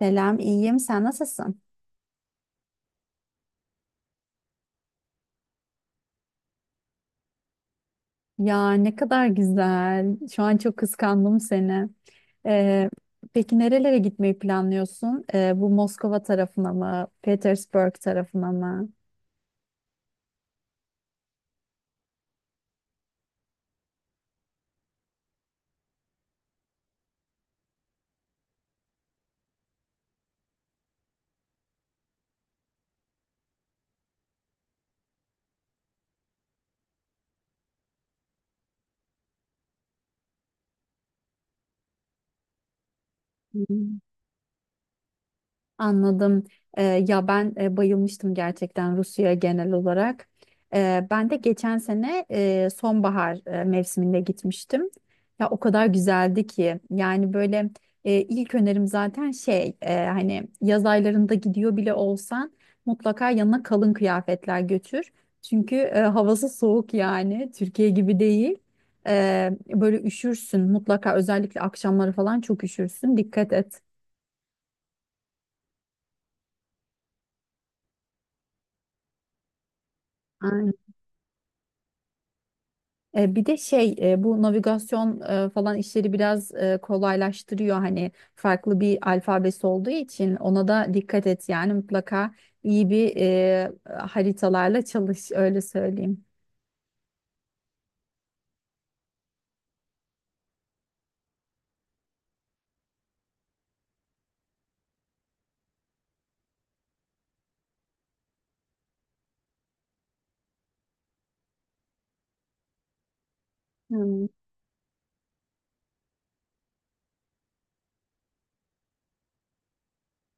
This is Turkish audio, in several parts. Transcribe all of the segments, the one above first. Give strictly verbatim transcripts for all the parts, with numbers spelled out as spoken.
Selam, iyiyim. Sen nasılsın? Ya ne kadar güzel. Şu an çok kıskandım seni. Ee, peki nerelere gitmeyi planlıyorsun? Ee, bu Moskova tarafına mı, Petersburg tarafına mı? Anladım. Ee, Ya ben e, bayılmıştım gerçekten Rusya'ya genel olarak. Ee, ben de geçen sene e, sonbahar e, mevsiminde gitmiştim. Ya o kadar güzeldi ki yani böyle e, ilk önerim zaten şey e, hani yaz aylarında gidiyor bile olsan mutlaka yanına kalın kıyafetler götür. Çünkü e, havası soğuk yani Türkiye gibi değil. Ee, böyle üşürsün mutlaka, özellikle akşamları falan çok üşürsün, dikkat et. E, Bir de şey e, bu navigasyon e, falan işleri biraz e, kolaylaştırıyor, hani farklı bir alfabesi olduğu için ona da dikkat et yani mutlaka iyi bir e, haritalarla çalış, öyle söyleyeyim. Hmm.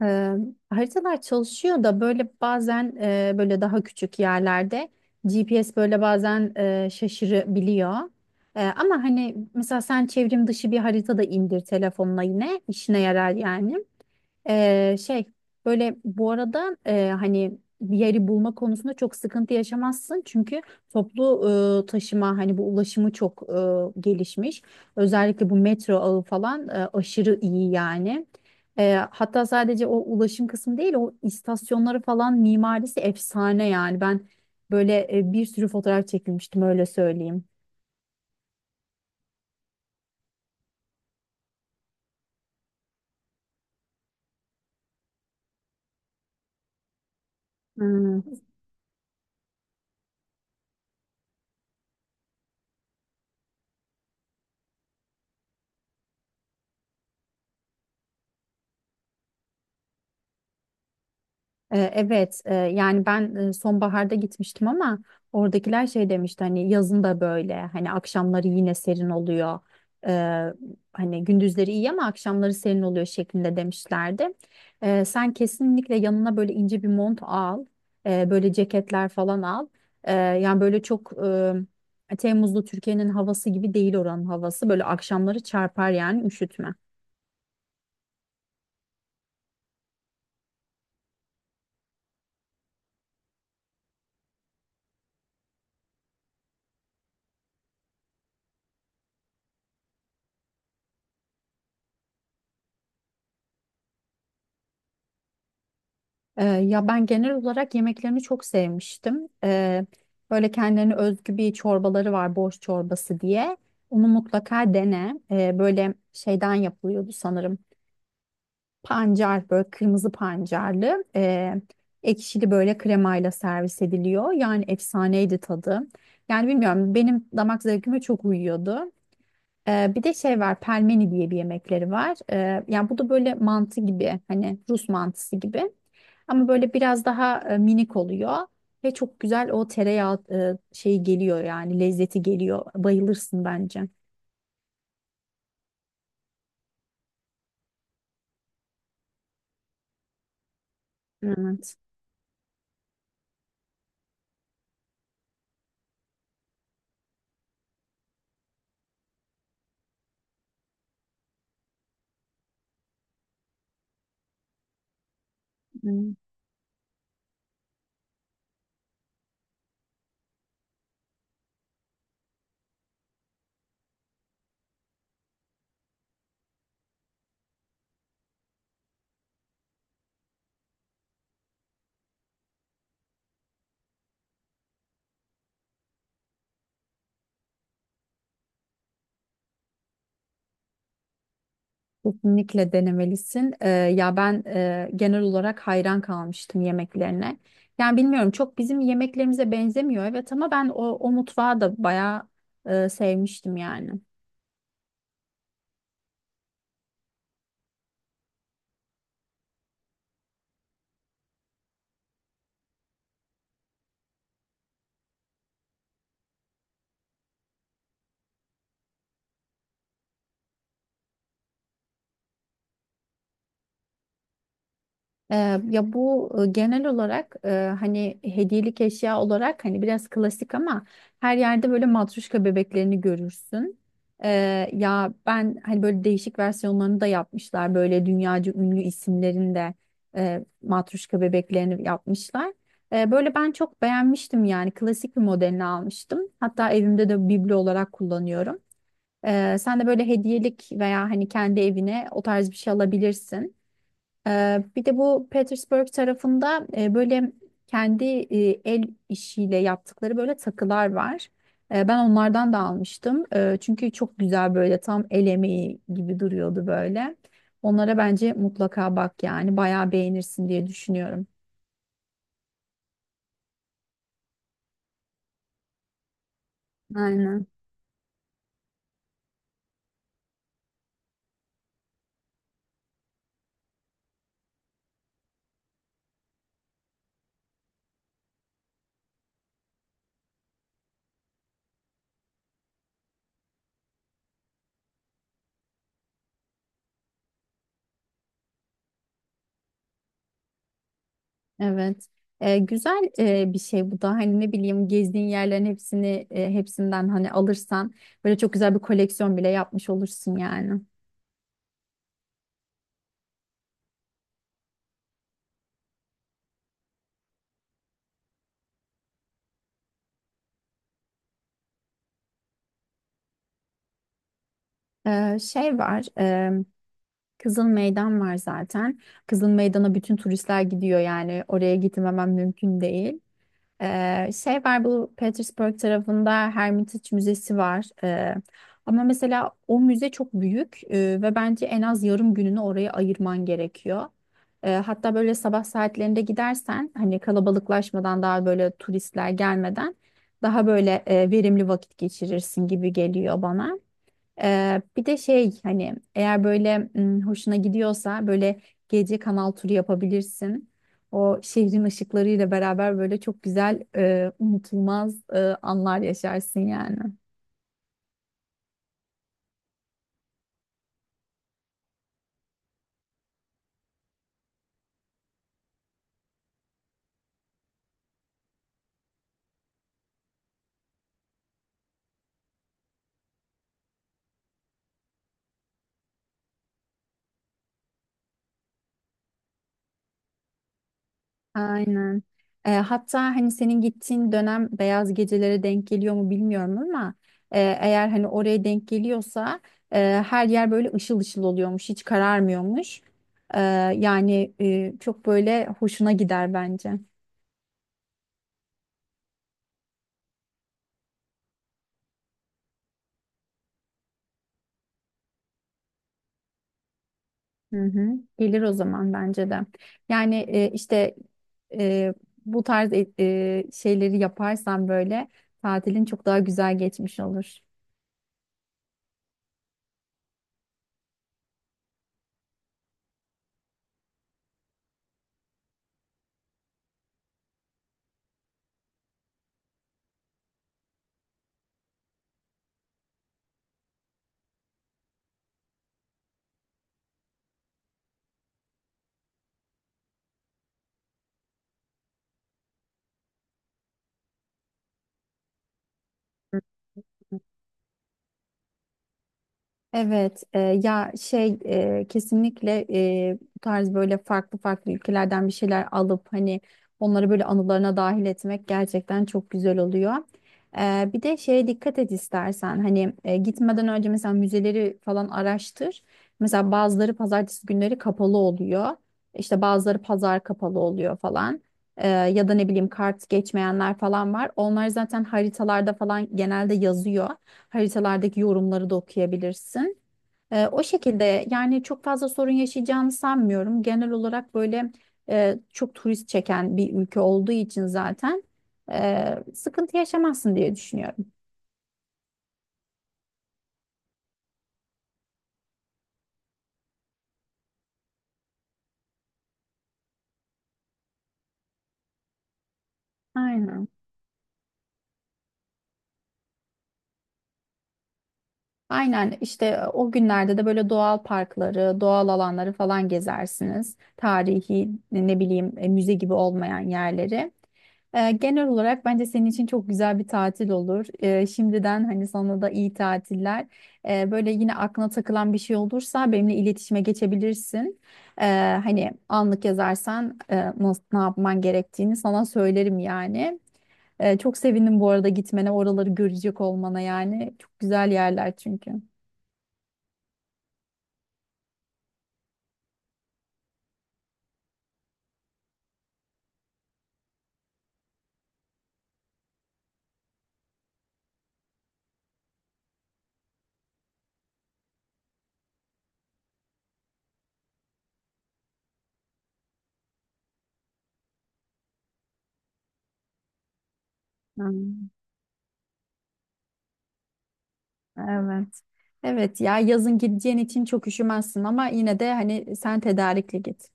Eee, Haritalar çalışıyor da böyle bazen eee, böyle daha küçük yerlerde G P S böyle bazen eee, şaşırabiliyor. Eee, ama hani mesela sen çevrim dışı bir harita da indir telefonuna, yine işine yarar yani. Ee, şey, böyle bu arada e, hani bir yeri bulma konusunda çok sıkıntı yaşamazsın çünkü toplu e, taşıma hani bu ulaşımı çok e, gelişmiş. Özellikle bu metro ağı falan e, aşırı iyi yani. E, hatta sadece o ulaşım kısmı değil, o istasyonları falan mimarisi efsane yani, ben böyle e, bir sürü fotoğraf çekilmiştim, öyle söyleyeyim. Hmm. Ee, Evet, e, yani ben e, sonbaharda gitmiştim ama oradakiler şey demişti hani yazın da böyle hani akşamları yine serin oluyor. Ee, Hani gündüzleri iyi ama akşamları serin oluyor şeklinde demişlerdi. Ee, sen kesinlikle yanına böyle ince bir mont al, Ee, böyle ceketler falan al. Ee, yani böyle çok e, Temmuzlu Türkiye'nin havası gibi değil oranın havası. Böyle akşamları çarpar yani, üşütme. Ee, ya ben genel olarak yemeklerini çok sevmiştim. Ee, böyle kendilerine özgü bir çorbaları var, borş çorbası diye. Onu mutlaka dene. Ee, böyle şeyden yapılıyordu sanırım. Pancar, böyle kırmızı pancarlı. Ee, ekşili böyle kremayla servis ediliyor. Yani efsaneydi tadı. Yani bilmiyorum, benim damak zevkime çok uyuyordu. Ee, bir de şey var, pelmeni diye bir yemekleri var. Ee, yani bu da böyle mantı gibi, hani Rus mantısı gibi. Ama böyle biraz daha e, minik oluyor. Ve çok güzel o tereyağı e, şeyi geliyor yani lezzeti geliyor. Bayılırsın bence. Evet. Evet. Kesinlikle denemelisin. Ee, ya ben e, genel olarak hayran kalmıştım yemeklerine. Yani bilmiyorum, çok bizim yemeklerimize benzemiyor, evet, ama ben o, o mutfağı da bayağı e, sevmiştim yani. Ee, Ya bu e, genel olarak e, hani hediyelik eşya olarak hani biraz klasik ama her yerde böyle matruşka bebeklerini görürsün. Ee, ya ben hani böyle değişik versiyonlarını da yapmışlar. Böyle dünyaca ünlü isimlerin de e, matruşka bebeklerini yapmışlar. Ee, böyle ben çok beğenmiştim yani, klasik bir modelini almıştım. Hatta evimde de biblo olarak kullanıyorum. Ee, sen de böyle hediyelik veya hani kendi evine o tarz bir şey alabilirsin. Ee, bir de bu Petersburg tarafında e, böyle kendi e, el işiyle yaptıkları böyle takılar var. E, ben onlardan da almıştım. E, çünkü çok güzel böyle, tam el emeği gibi duruyordu böyle. Onlara bence mutlaka bak, yani bayağı beğenirsin diye düşünüyorum. Aynen. Evet. E, güzel e, bir şey bu da, hani ne bileyim gezdiğin yerlerin hepsini e, hepsinden hani alırsan böyle çok güzel bir koleksiyon bile yapmış olursun yani. E, şey var. Kızıl Meydan var zaten. Kızıl Meydan'a bütün turistler gidiyor yani, oraya gitmemem mümkün değil. Ee, şey var, bu Petersburg tarafında Hermitage Müzesi var. Ee, ama mesela o müze çok büyük e, ve bence en az yarım gününü oraya ayırman gerekiyor. Ee, hatta böyle sabah saatlerinde gidersen, hani kalabalıklaşmadan daha böyle turistler gelmeden, daha böyle e, verimli vakit geçirirsin gibi geliyor bana. Ee, bir de şey, hani eğer böyle m, hoşuna gidiyorsa böyle gece kanal turu yapabilirsin. O şehrin ışıklarıyla beraber böyle çok güzel e, unutulmaz e, anlar yaşarsın yani. Aynen. Ee, hatta hani senin gittiğin dönem beyaz gecelere denk geliyor mu bilmiyorum ama e, eğer hani oraya denk geliyorsa e, her yer böyle ışıl ışıl oluyormuş, hiç kararmıyormuş. Ee, Yani e, çok böyle hoşuna gider bence. Hı hı. Gelir o zaman bence de. Yani e, işte e, bu tarz e, e, şeyleri yaparsan böyle tatilin çok daha güzel geçmiş olur. Evet, e, ya şey e, kesinlikle e, bu tarz böyle farklı farklı ülkelerden bir şeyler alıp hani onları böyle anılarına dahil etmek gerçekten çok güzel oluyor. E, bir de şeye dikkat et istersen hani, e, gitmeden önce mesela müzeleri falan araştır. Mesela bazıları pazartesi günleri kapalı oluyor. İşte bazıları pazar kapalı oluyor falan. E, ya da ne bileyim kart geçmeyenler falan var. Onlar zaten haritalarda falan genelde yazıyor, haritalardaki yorumları da okuyabilirsin. Ee, o şekilde yani, çok fazla sorun yaşayacağını sanmıyorum. Genel olarak böyle e, çok turist çeken bir ülke olduğu için zaten e, sıkıntı yaşamazsın diye düşünüyorum. Aynen. Aynen işte, e, o günlerde de böyle doğal parkları, doğal alanları falan gezersiniz. Tarihi ne bileyim e, müze gibi olmayan yerleri. Ee, genel olarak bence senin için çok güzel bir tatil olur. Ee, şimdiden hani sana da iyi tatiller. Ee, böyle yine aklına takılan bir şey olursa benimle iletişime geçebilirsin. Ee, Hani anlık yazarsan e, nasıl, ne yapman gerektiğini sana söylerim yani. Ee, çok sevindim bu arada gitmene, oraları görecek olmana yani. Çok güzel yerler çünkü. Hmm. Evet. Evet ya, yazın gideceğin için çok üşümezsin ama yine de hani sen tedarikli git.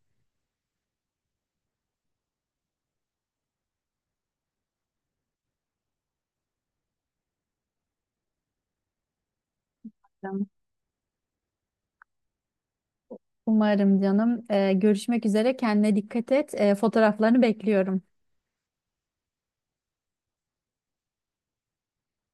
Tamam. Umarım canım. Ee, görüşmek üzere. Kendine dikkat et. Ee, fotoğraflarını bekliyorum.